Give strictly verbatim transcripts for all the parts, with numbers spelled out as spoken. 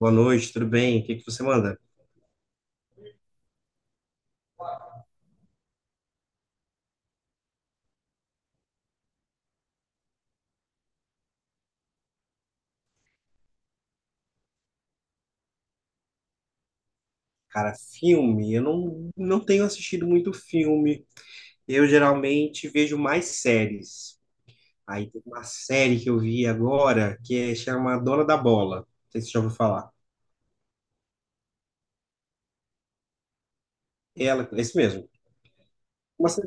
Boa noite, tudo bem? O que que você manda? Cara, filme, eu não, não tenho assistido muito filme. Eu geralmente vejo mais séries. Aí tem uma série que eu vi agora que é, chama Dona da Bola. Não sei se você já ouviu falar. Ela, é isso mesmo. Uma sé-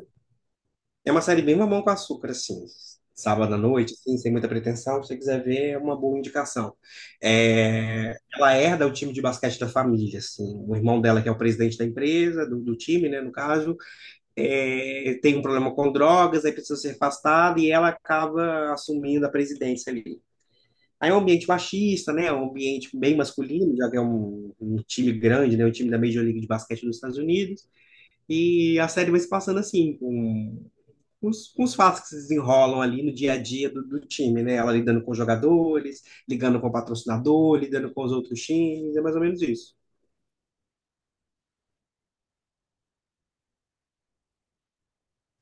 É uma série bem mamão com açúcar, assim. Sábado à noite, assim, sem muita pretensão. Se você quiser ver, é uma boa indicação. É, ela herda o time de basquete da família, assim. O irmão dela, que é o presidente da empresa, do, do time, né, no caso, é, tem um problema com drogas, aí precisa ser afastada e ela acaba assumindo a presidência ali. Aí é um ambiente machista, né? É um ambiente bem masculino, já que é um, um time grande, né? Um time da Major League de Basquete dos Estados Unidos. E a série vai se passando assim, com, com os, com os fatos que se desenrolam ali no dia a dia do, do time, né? Ela lidando com os jogadores, ligando com o patrocinador, lidando com os outros times, é mais ou menos isso.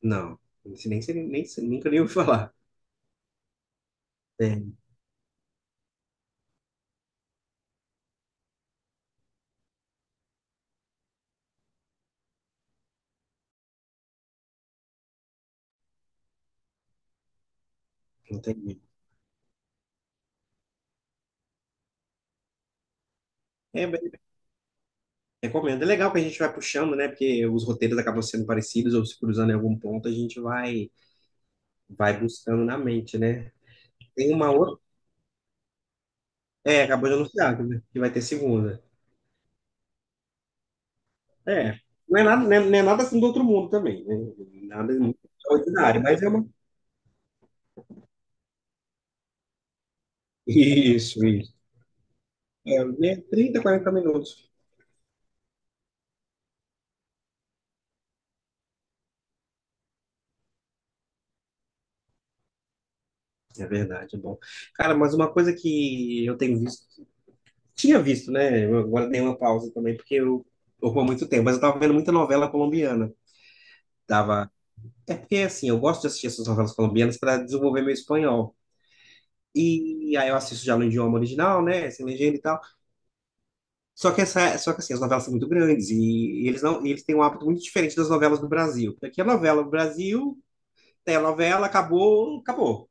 Não, isso nem, sei- nem, sei- nunca nem ouvi falar. É, não tem. É, Recomendo. É legal que a gente vai puxando, né? Porque os roteiros acabam sendo parecidos ou se cruzando em algum ponto, a gente vai, vai buscando na mente, né? Tem uma outra. É, acabou de anunciar que que vai ter segunda. É. Não é nada, não é, não é nada assim do outro mundo também, né? Nada muito extraordinário, mas é uma. Isso, isso. É, né, trinta, quarenta minutos. É verdade, é bom. Cara, mas uma coisa que eu tenho visto, tinha visto, né? Eu agora dei uma pausa também, porque eu ocupo há muito tempo, mas eu tava vendo muita novela colombiana. Tava. É porque, assim, eu gosto de assistir essas novelas colombianas para desenvolver meu espanhol. E aí eu assisto já no idioma original, né? Sem legenda e tal. Só que, essa, só que assim, as novelas são muito grandes e, e eles não, e eles têm um hábito muito diferente das novelas do Brasil. Aqui a novela do Brasil, tem a novela, acabou, acabou.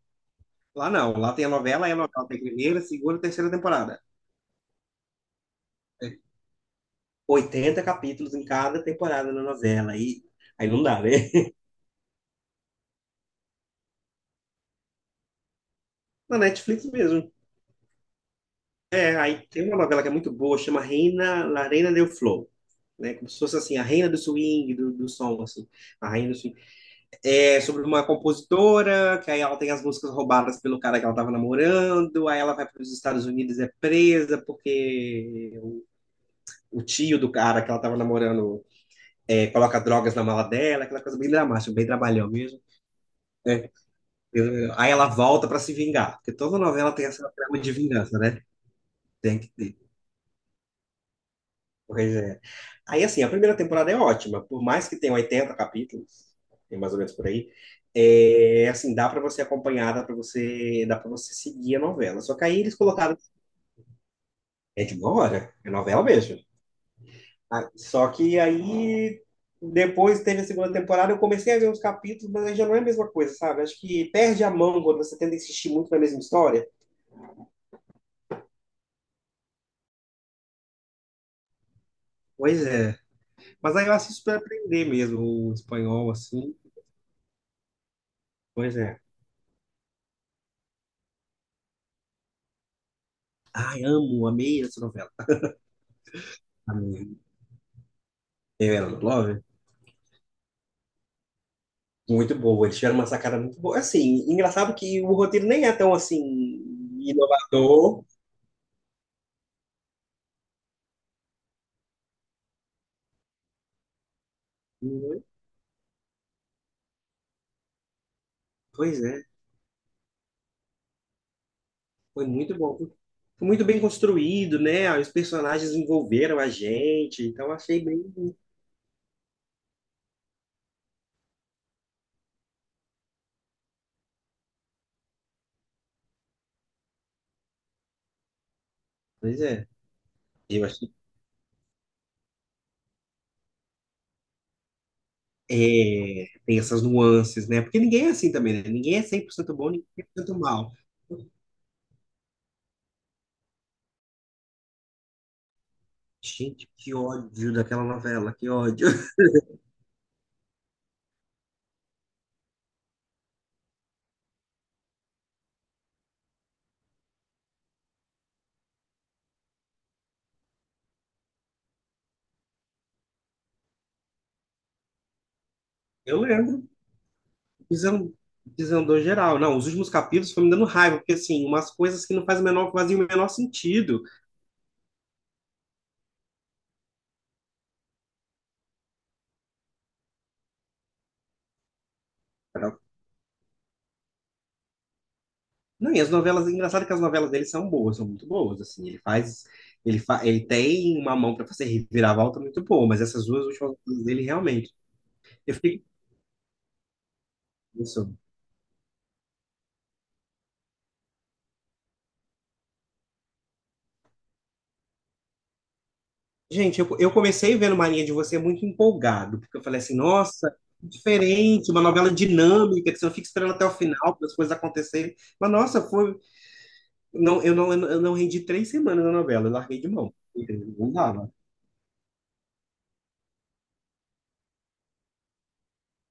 Lá não, lá tem a novela, aí a novela tem primeira, segunda, terceira temporada. Oitenta capítulos em cada temporada na novela. E aí não dá, né? Na Netflix mesmo. É, aí tem uma novela que é muito boa, chama Reina, La Reina del Flow. Né? Como se fosse assim, a reina do swing, do, do som, assim, a reina do swing. É sobre uma compositora, que aí ela tem as músicas roubadas pelo cara que ela estava namorando, aí ela vai para os Estados Unidos e é presa porque o, o tio do cara que ela estava namorando, é, coloca drogas na mala dela, aquela coisa bem dramática, bem trabalhão mesmo. Né? Aí ela volta para se vingar, porque toda novela tem essa trama de vingança, né? Tem que ter. Pois é. Aí, assim, a primeira temporada é ótima, por mais que tenha oitenta capítulos, tem mais ou menos por aí, é, assim, dá para você acompanhar, dá para você, dá para você seguir a novela. Só que aí eles colocaram, é de uma hora, é novela mesmo. Ah, só que aí, depois teve a segunda temporada, eu comecei a ver uns capítulos, mas aí já não é a mesma coisa, sabe? Acho que perde a mão quando você tenta insistir muito na mesma história. Pois é. Mas aí eu assisto para aprender mesmo o espanhol, assim. Pois é. Ai, amo, amei essa novela. Reverendo Clover, muito boa. Eles tiveram uma sacada muito boa. Assim, engraçado que o roteiro nem é tão assim inovador. Uhum. Pois é, foi muito bom. Foi muito bem construído, né? Os personagens envolveram a gente, então achei bem. Pois é, eu achei. É, tem essas nuances, né? Porque ninguém é assim também, né? Ninguém é cem por cento bom, ninguém é cem por cento mal. Gente, que ódio daquela novela, que ódio. Eu lembro. Desandou, desandou geral. Não, os últimos capítulos foram me dando raiva, porque assim, umas coisas que não fazem o menor, fazem o menor sentido. Era- Não, e as novelas, é engraçado que as novelas dele são boas, são muito boas, assim, ele faz, ele, fa, ele tem uma mão para fazer reviravolta muito boa, mas essas duas últimas coisas dele realmente, eu fiquei com isso. Gente, eu, eu comecei vendo Marinha de Você é muito empolgado, porque eu falei assim, nossa, diferente, uma novela dinâmica, que você não fica esperando até o final para as coisas acontecerem, mas nossa, foi. Não, eu não, eu não rendi três semanas na novela, eu larguei de mão. Entendeu? Não dava.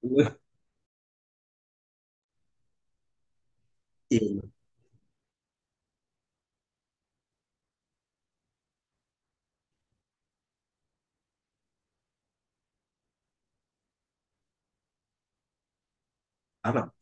Eu não dava.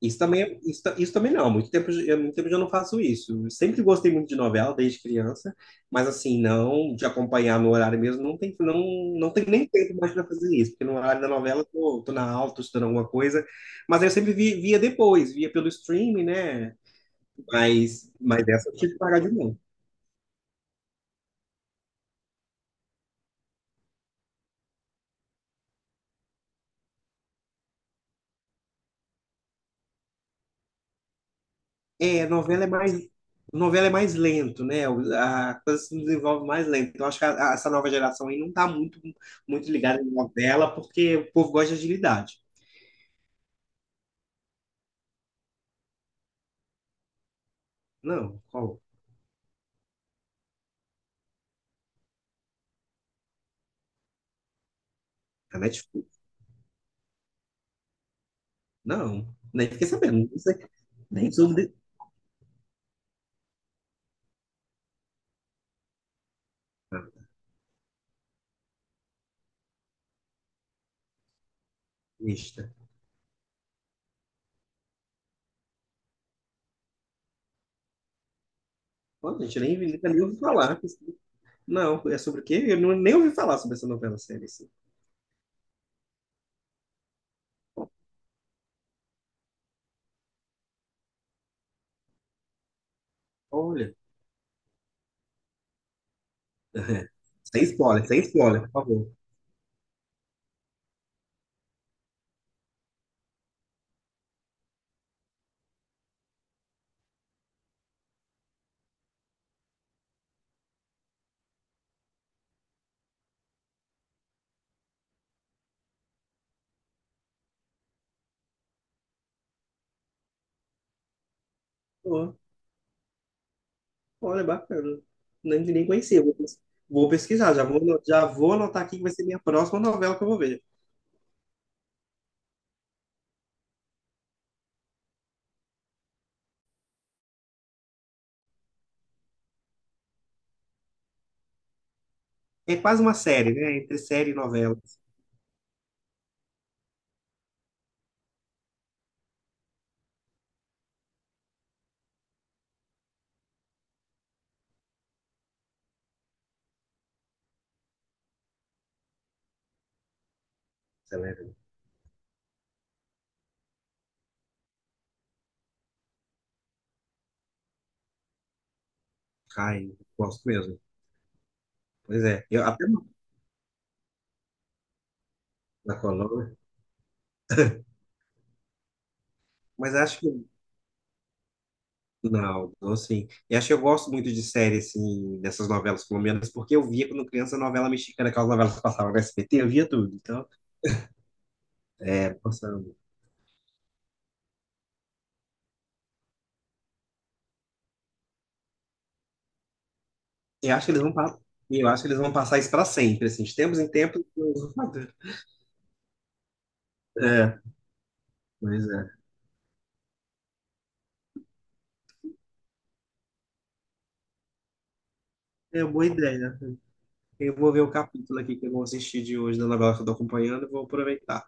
Isso também, é- isso, ta- isso também não. Há muito tempo, eu, há muito tempo eu já não faço isso. Eu sempre gostei muito de novela, desde criança, mas assim, não, de acompanhar no horário mesmo, não tem, não, não tem nem tempo mais para fazer isso, porque no horário da novela eu tô, tô na aula, tô estudando alguma coisa, mas eu sempre vi- via depois, via pelo streaming, né? Mas, mas essa eu tive que pagar de mão. É, novela é mais, novela é mais lento, né? O- A coisa se desenvolve mais lento. Então, acho que a- a- essa nova geração aí não tá muito, muito ligada em novela, porque o povo gosta de agilidade. Não, qual? A Netflix? Não, nem fiquei sabendo. Não sei, nem sobre. Ah, Mista. Pô, gente, nem, nunca nem ouvi falar. Não, é sobre o quê? Eu não, nem ouvi falar sobre essa novela série. Assim. Olha. Sem spoiler, sem spoiler, por favor. Olha, bacana. Nem, nem conhecia. Vou pes- vou pesquisar, já vou, ano- já vou anotar aqui que vai ser minha próxima novela que eu vou ver. É quase uma série, né? Entre série e novela. Acelera. Cai, gosto mesmo. Pois é. Eu até não- na Colômbia, mas acho que. Não, não, então, assim. E acho que eu gosto muito de série, assim, dessas novelas colombianas, porque eu via quando criança novela mexicana, aquelas novelas que passavam no S B T, eu via tudo. Então, é, passando. Eu acho que eles vão, pa- eu acho que eles vão passar isso pra sempre, assim, de tempos em tempos. eu- É, pois é. É uma boa ideia. Eu vou ver o capítulo aqui que eu vou assistir de hoje da novela que eu tô acompanhando e vou aproveitar.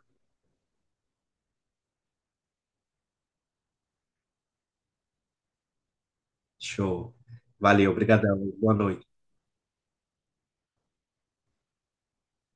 Show. Valeu, obrigadão. Boa noite.